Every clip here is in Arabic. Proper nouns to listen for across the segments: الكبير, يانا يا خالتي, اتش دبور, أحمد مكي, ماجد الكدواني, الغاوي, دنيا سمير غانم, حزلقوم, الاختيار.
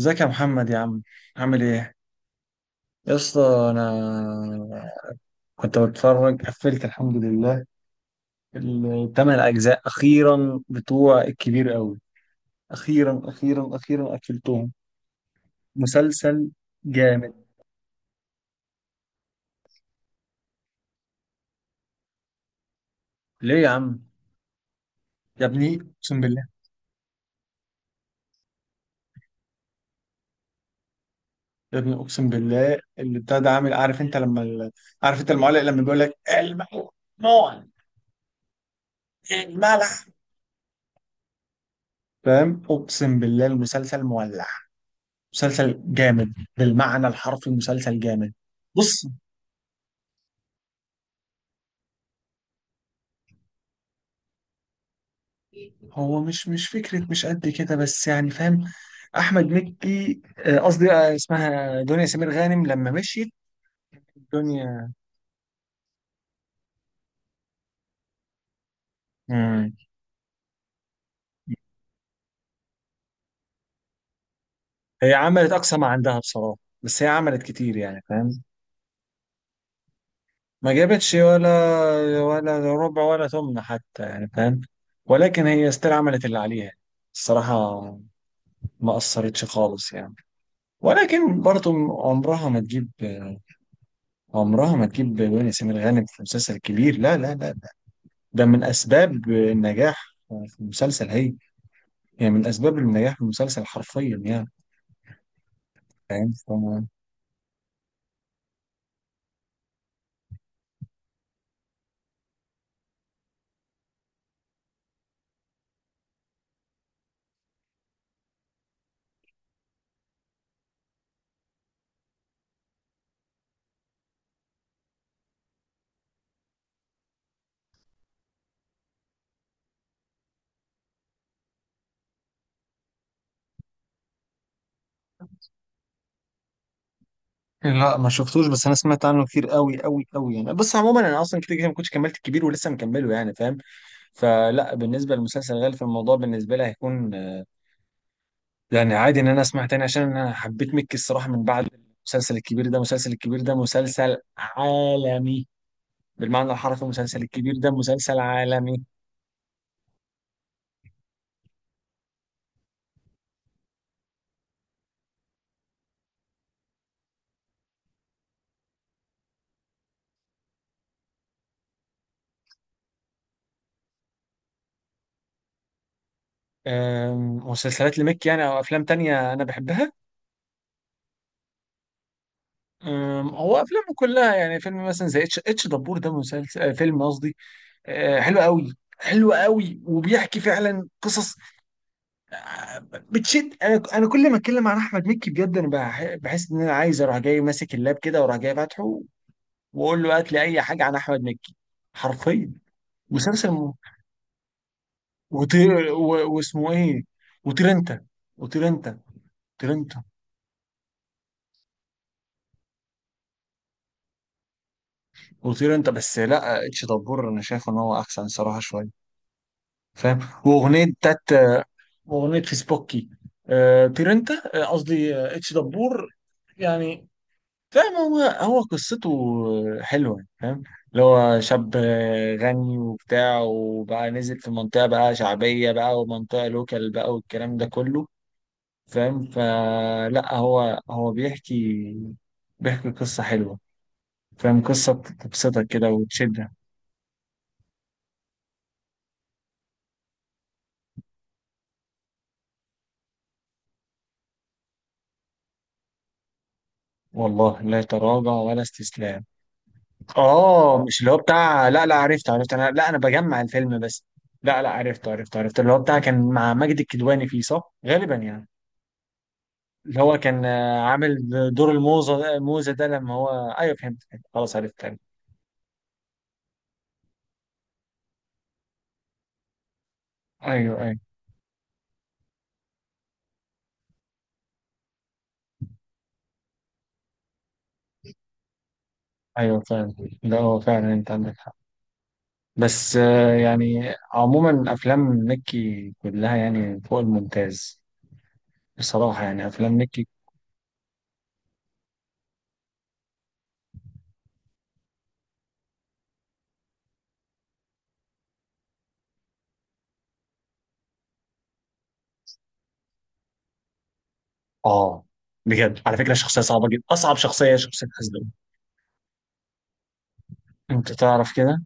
ازيك يا محمد يا عم؟ عامل ايه يا اسطى؟ انا كنت بتفرج، قفلت الحمد لله الـ8 اجزاء اخيرا بتوع الكبير قوي. اخيرا اخيرا اخيرا قفلتهم. مسلسل جامد. ليه يا عم؟ يا ابني اقسم بالله. يا ابني اقسم بالله اللي بتاع ده عامل. عارف انت لما عارف انت المعلق لما بيقول لك الممنوع، الملح. فاهم؟ اقسم بالله المسلسل مولع. مسلسل جامد بالمعنى الحرفي. مسلسل جامد. بص. هو مش فكرة مش قد كده بس يعني فاهم. أحمد مكي، قصدي اسمها دنيا سمير غانم لما مشيت الدنيا. مم. هي عملت أقصى ما عندها بصراحة. بس هي عملت كتير يعني فاهم. ما جابتش ولا ربع ولا ثمن حتى يعني فاهم. ولكن هي استر عملت اللي عليها يعني. الصراحة ما أثرتش خالص يعني. ولكن برضه عمرها ما تجيب. عمرها ما تجيب دنيا سمير غانم في مسلسل كبير، لا لا لا. ده من اسباب النجاح في المسلسل هي. يعني من اسباب النجاح في المسلسل حرفيا يعني. فاهم لا، ما شفتوش بس انا سمعت عنه كتير قوي قوي قوي يعني. بس عموما انا اصلا كده كده ما كنتش كملت الكبير ولسه مكمله يعني فاهم. فلا بالنسبه لمسلسل غالي في الموضوع بالنسبه لي هيكون يعني عادي ان انا اسمع تاني عشان انا حبيت مكي الصراحه من بعد المسلسل الكبير. ده مسلسل الكبير ده مسلسل عالمي بالمعنى الحرفي. المسلسل الكبير ده مسلسل عالمي. مسلسلات لمكي يعني او افلام تانية انا بحبها. هو افلامه كلها يعني. فيلم مثلا زي اتش دبور ده مسلسل فيلم قصدي، حلو قوي. حلو قوي وبيحكي فعلا قصص بتشد. انا كل ما اتكلم عن احمد مكي بجد انا بحس ان انا عايز اروح جاي ماسك اللاب كده واروح جاي فاتحه واقول له هات لي اي حاجه عن احمد مكي حرفيا. مسلسل م... واسمه ايه؟ وطير انت، وطير انت، وطير انت، وطير انت بس. لا، اتش دبور انا شايف ان هو احسن صراحه شويه فاهم. واغنيه. واغنيه فيسبوكي، آه بيرنتا، قصدي، اتش دبور يعني. فاهم؟ هو قصته حلوه فاهم. اللي هو شاب غني وبتاع، وبقى نزل في منطقه بقى شعبيه بقى ومنطقه لوكال بقى والكلام ده كله فاهم. فلا هو بيحكي. بيحكي قصه حلوه فاهم. قصه تبسطك كده وتشدك. والله لا تراجع ولا استسلام. اه، مش اللي هو بتاع، لا. لا، عرفت عرفت. انا لا، انا بجمع الفيلم بس. لا لا، عرفت عرفت عرفت. اللي هو بتاع كان مع ماجد الكدواني فيه، صح غالبا يعني. اللي هو كان عامل دور الموزة الموزة ده لما هو. ايوه فهمت فهمت. خلاص عرفت عرفت. ايوه ايوه. ايوه فعلا. لا، هو فعلا انت عندك حق. بس يعني عموما افلام مكي كلها يعني فوق الممتاز. بصراحة يعني افلام مكي. اه بجد على فكرة شخصية صعبة جدا. اصعب شخصية هي شخصية حزلقوم. انت تعرف كده.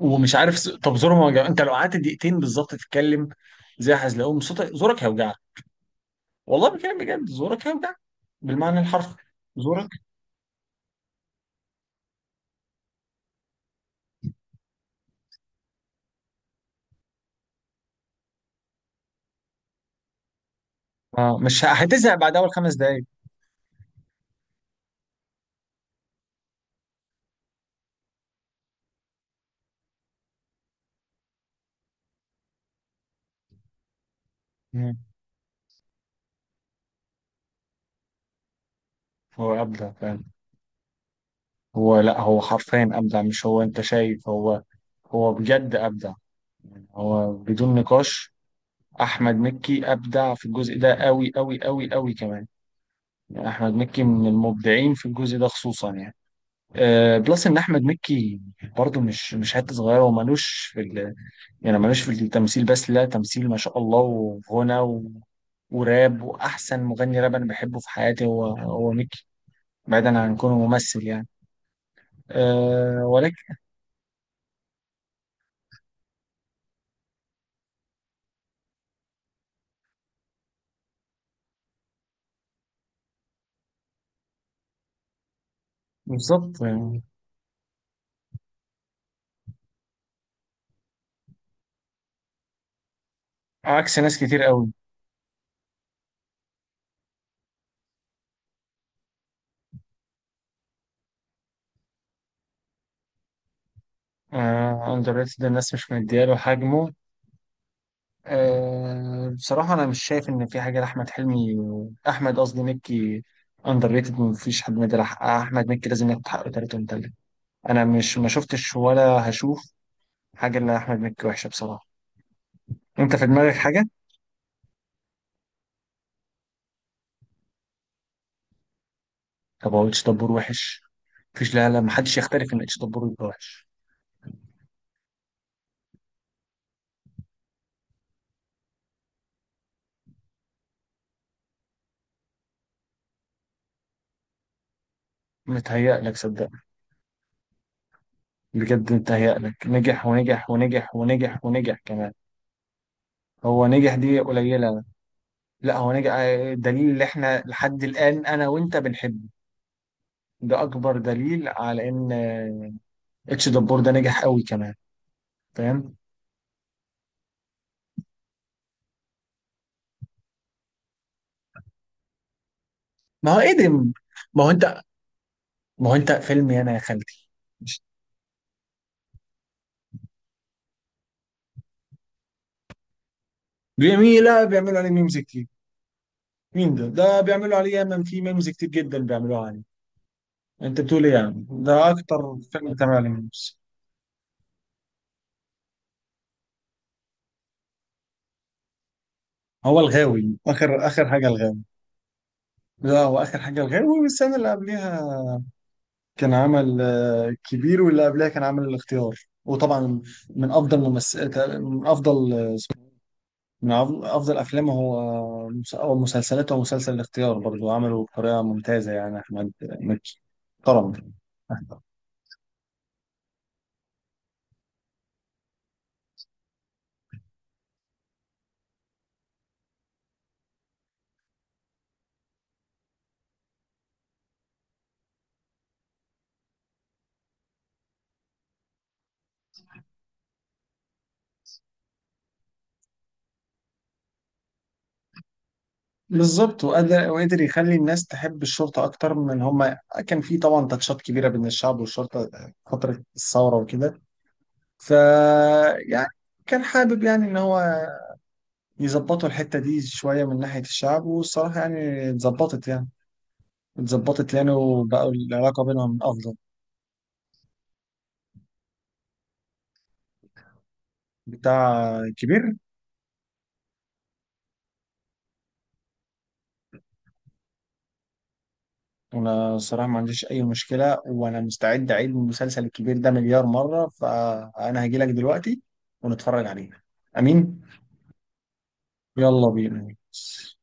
ومش عارف طب زوره ما وجع؟ انت لو قعدت دقيقتين بالظبط تتكلم زي حزلقوم صوتك زورك هيوجعك. والله بكلم بجد زورك هيوجعك بالمعنى الحرفي. زورك اه، مش ه- هتزهق بعد اول 5 دقايق. مم. هو ابدع فعلا. هو لا، هو حرفيا ابدع. مش هو انت شايف هو بجد ابدع. يعني هو بدون نقاش، احمد مكي ابدع في الجزء ده قوي قوي قوي قوي كمان. يعني احمد مكي من المبدعين في الجزء ده خصوصا يعني بلس ان احمد مكي برضه مش حته صغيره ومالوش في يعني مالوش في التمثيل بس. لا تمثيل ما شاء الله، وغنى وراب. واحسن مغني راب انا بحبه في حياتي هو ميكي بعيدا عن كونه ممثل يعني. أه ولكن بالظبط يعني. عكس ناس كتير قوي. أه اندر ريتد، الناس مش مدياله حجمه. أه بصراحه انا مش شايف ان في حاجه لاحمد حلمي، احمد قصدي مكي، اندر ريتد. مفيش حد مدى احمد مكي. لازم ياخد حقه تلاته ومتلت. انا مش، ما شفتش ولا هشوف حاجه اللي احمد مكي وحشه بصراحه. انت في دماغك حاجه؟ طب هو اتش دبور وحش؟ مفيش، لا لا، محدش يختلف ان اتش دبور يبقى وحش. متهيألك صدقني. بجد متهيألك. نجح ونجح ونجح ونجح ونجح كمان. هو نجح دي قليلة. لا هو نجح دليل اللي احنا لحد الآن أنا وأنت بنحبه. ده أكبر دليل على إن اتش دبور ده نجح قوي كمان فاهم. ما هو قدم. ما هو أنت ما هو أنت فيلم يانا يا خالتي جميلة. بيعملوا عليه ميمز كتير. مين ده؟ ده بيعملوا عليه ياما، في ميمز كتير جدا بيعملوها عليه. انت بتقول ايه يعني؟ ده اكتر فيلم اتعمل عليه ميمز. هو الغاوي اخر اخر حاجه الغاوي. لا هو اخر حاجه الغاوي، والسنه اللي قبلها كان عمل كبير، واللي قبلها كان عمل الاختيار. وطبعا من افضل من افضل من افضل افلامه هو او مسلسلاته هو مسلسل الاختيار برضه عمله بطريقه ممتازه يعني احمد مكي طبعا. بالظبط. وقدر وقدر يخلي الناس تحب الشرطة أكتر من هما. كان في طبعا تاتشات كبيرة بين الشعب والشرطة فترة الثورة وكده. ف يعني كان حابب يعني إن هو يظبطوا الحتة دي شوية من ناحية الشعب، والصراحة يعني اتظبطت يعني. اتظبطت يعني وبقوا العلاقة بينهم أفضل. بتاع كبير. أنا الصراحة ما عنديش أي مشكلة وأنا مستعد أعيد المسلسل الكبير ده مليار مرة، فأنا هجيلك دلوقتي ونتفرج عليه. أمين. يلا بينا.